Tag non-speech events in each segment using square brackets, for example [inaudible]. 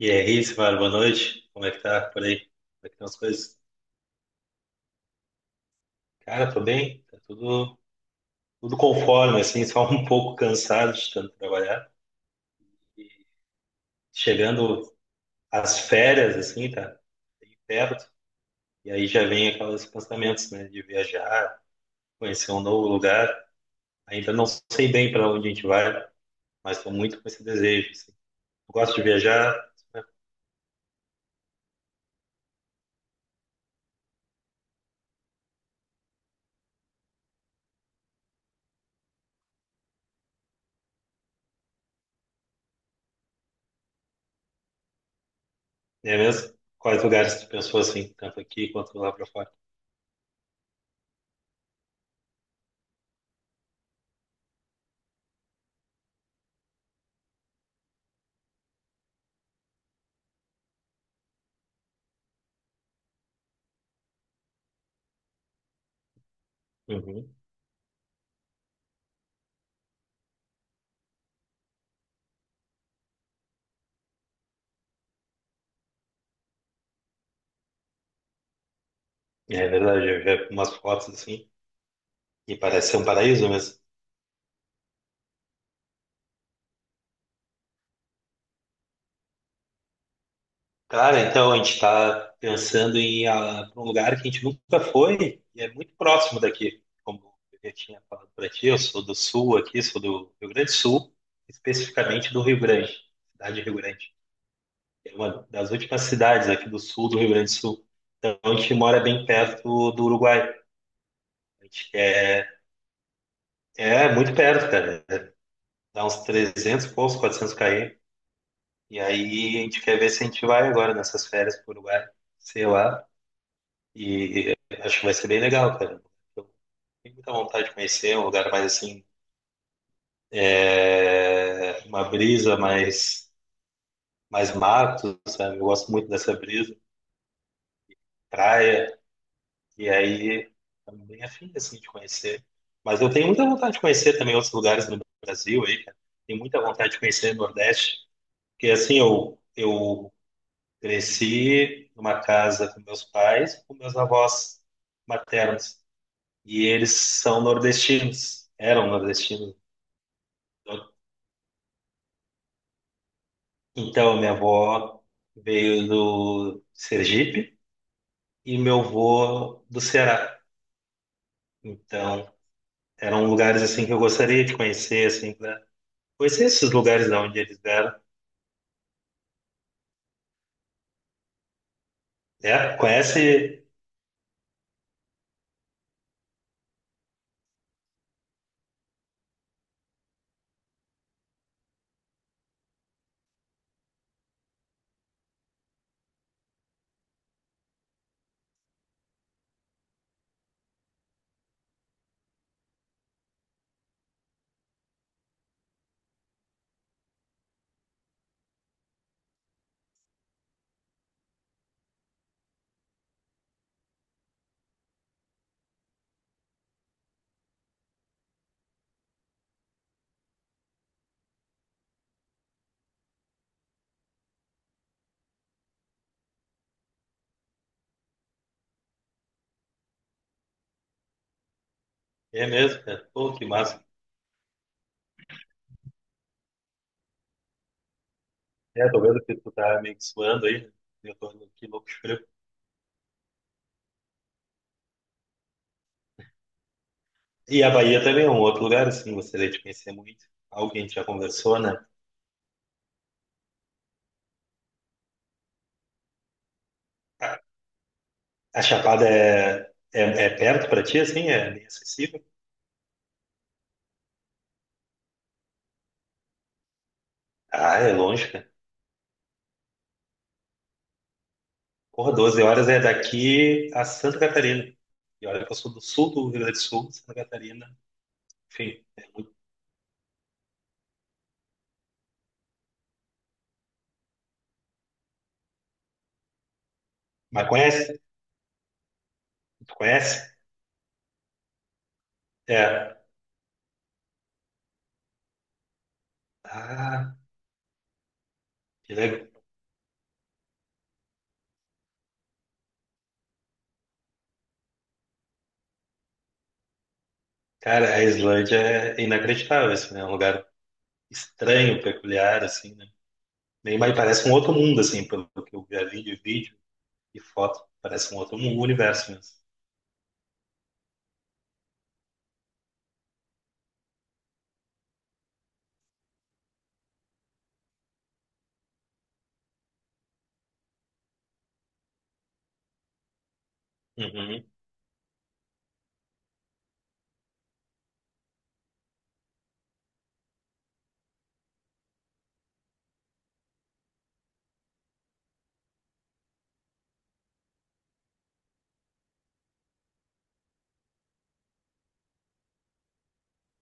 E aí, Simara, boa noite. Como é que tá por aí? Como é que estão as coisas? Cara, tô bem, tá tudo conforme, assim, [laughs] só um pouco cansado de tanto trabalhar. Chegando às férias, assim, tá bem perto, e aí já vem aqueles pensamentos, né, de viajar, conhecer um novo lugar. Ainda não sei bem para onde a gente vai, mas tô muito com esse desejo, assim. Eu gosto de viajar, né, é mesmo? Quais lugares tu pensou, assim, tanto aqui quanto lá para fora? Uhum. É verdade, eu já vi umas fotos, assim. E parece ser um paraíso mesmo. Cara, então a gente está pensando em ir pra um lugar que a gente nunca foi e é muito próximo daqui. Como eu já tinha falado para ti, eu sou do sul aqui, sou do Rio Grande do Sul, especificamente do Rio Grande, cidade de Rio Grande. É uma das últimas cidades aqui do sul do Rio Grande do Sul. Então a gente mora bem perto do Uruguai. A gente é muito perto, cara. Dá uns 300, e poucos, 400 km. E aí a gente quer ver se a gente vai agora nessas férias pro Uruguai, sei lá. E acho que vai ser bem legal, cara. Eu tenho muita vontade de conhecer um lugar mais assim, é, uma brisa mais mato, sabe? Eu gosto muito dessa brisa, praia, e aí tô bem afim assim, de conhecer. Mas eu tenho muita vontade de conhecer também outros lugares no Brasil aí, cara. Tenho muita vontade de conhecer o Nordeste, porque assim, eu cresci numa casa com meus pais, com meus avós maternos, e eles são nordestinos, eram nordestinos. Então, minha avó veio do Sergipe e meu avô do Ceará. Então, eram lugares assim que eu gostaria de conhecer, assim, pra conhecer esses lugares de onde eles vieram. É, conhece? É mesmo, cara. Pô, que massa. É, tô vendo que tu tá meio que suando aí, né? Eu tô indo aqui louco de frio. E a Bahia também é um outro lugar, assim, gostaria de conhecer muito. Algo que a gente já conversou, né? A, a Chapada é perto pra ti, assim? É bem acessível? Ah, é longe, cara. Porra, 12 horas é daqui a Santa Catarina. E olha que eu sou do sul do Rio Grande do Sul, Santa Catarina. Enfim, é muito. Mas conhece? Tu conhece? É. Ah, que legal. Cara, a Islândia é inacreditável, assim, né? É um lugar estranho, peculiar, assim, né? Nem mais parece um outro mundo, assim, pelo que eu já vi ali de vídeo e foto. Parece um outro mundo, um universo mesmo. Uhum.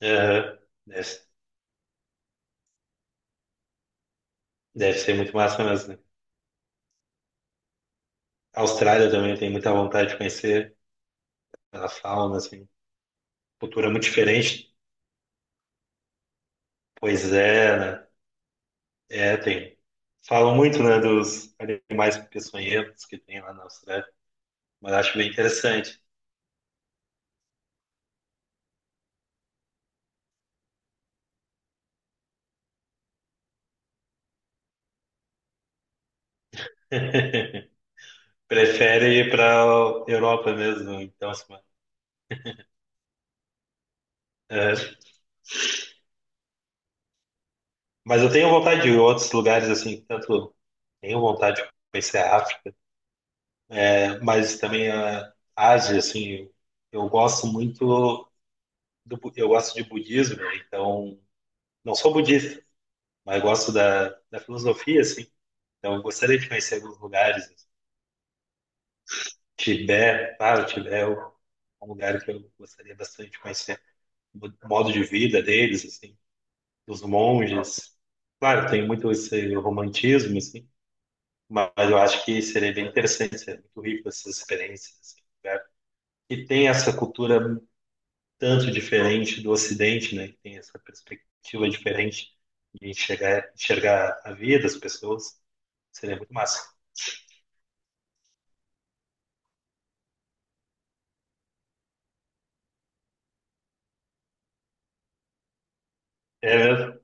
É, deve, deve ser muito massa mesmo, né? A Austrália também tem muita vontade de conhecer pela fauna, assim. Cultura muito diferente. Pois é, né? É, tem. Falam muito, né, dos animais peçonhentos que tem lá na Austrália, mas acho bem interessante. Prefere ir para Europa mesmo, então, assim, é. Mas eu tenho vontade de ir em outros lugares, assim, tanto tenho vontade de conhecer a África, né, mas também a Ásia, assim, eu gosto muito eu gosto de budismo, né, então não sou budista, mas gosto da, da filosofia, assim, então eu gostaria de conhecer alguns lugares. Tibete, claro, Tibete é um lugar que eu gostaria bastante de conhecer. O modo de vida deles, assim, dos monges. Claro, tem muito esse romantismo, assim, mas eu acho que seria bem interessante, seria muito rico essas experiências, assim, um e tem essa cultura tanto diferente do Ocidente, né? Que tem essa perspectiva diferente de enxergar a vida, as pessoas. Seria muito massa. É,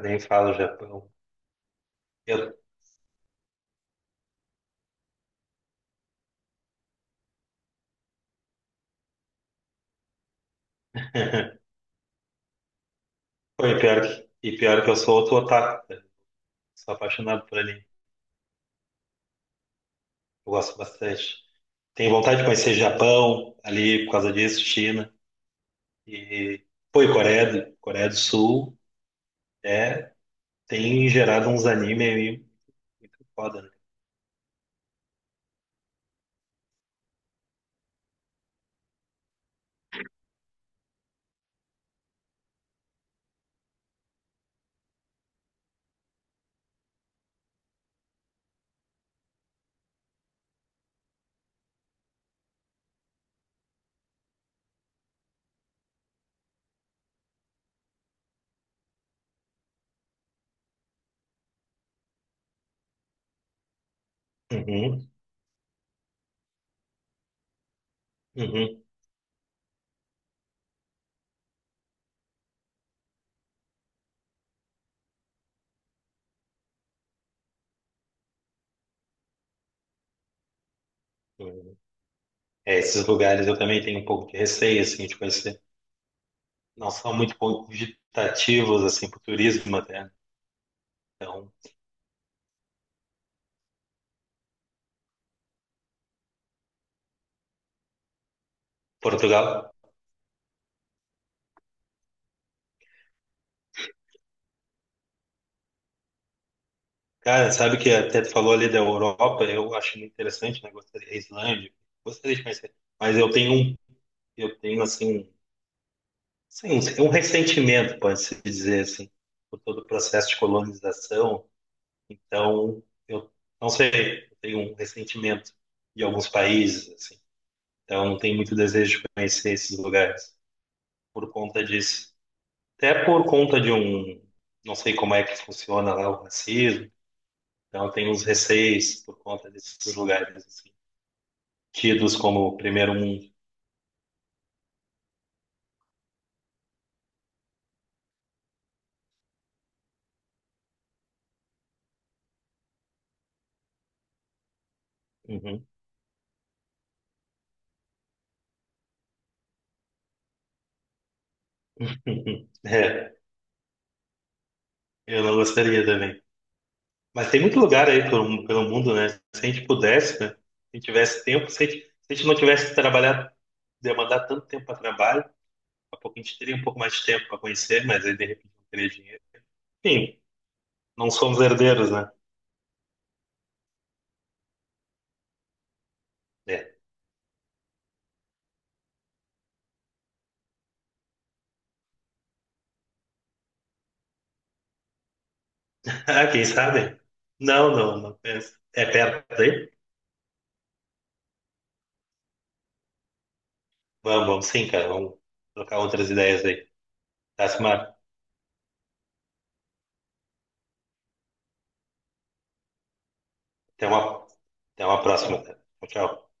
nem falo Japão. Eu, pô, e pior que eu sou outro otaku. Sou apaixonado por ali. Eu gosto bastante. Tenho vontade de conhecer Japão ali por causa disso, China. E, pô, e Coreia do Sul é, tem gerado uns anime aí muito foda, né? Uhum, uhum, uhum. É, esses lugares eu também tenho um pouco de receio, assim, de conhecer. Não são muito convidativos, assim, para o turismo até. Então, Portugal. Cara, sabe que até tu falou ali da Europa, eu acho muito interessante, né? Gostaria, a Islândia, gostaria de conhecer. Mas eu tenho um eu tenho, assim, sim, um ressentimento, pode-se dizer, assim, por todo o processo de colonização. Então, eu não sei, eu tenho um ressentimento de alguns países, assim. Então, não tenho muito desejo de conhecer esses lugares por conta disso. Até por conta de um, não sei como é que funciona lá o racismo. Então, eu tenho uns receios por conta desses lugares, assim, tidos como primeiro mundo. Uhum. [laughs] É, eu não gostaria também. Mas tem muito lugar aí pelo, pelo mundo, né? Se a gente pudesse, né? Se a gente tivesse tempo, se a gente não tivesse que trabalhar, demandar tanto tempo para trabalho, daqui a pouco a gente teria um pouco mais de tempo para conhecer, mas aí de repente não teria dinheiro. Enfim, não somos herdeiros, né? É. [laughs] Ah, quem sabe? Não, não, não penso. É perto aí? Vamos, vamos sim, cara. Vamos trocar outras ideias aí. Tá, Simar? Até uma, até uma próxima, cara. Tchau, tchau.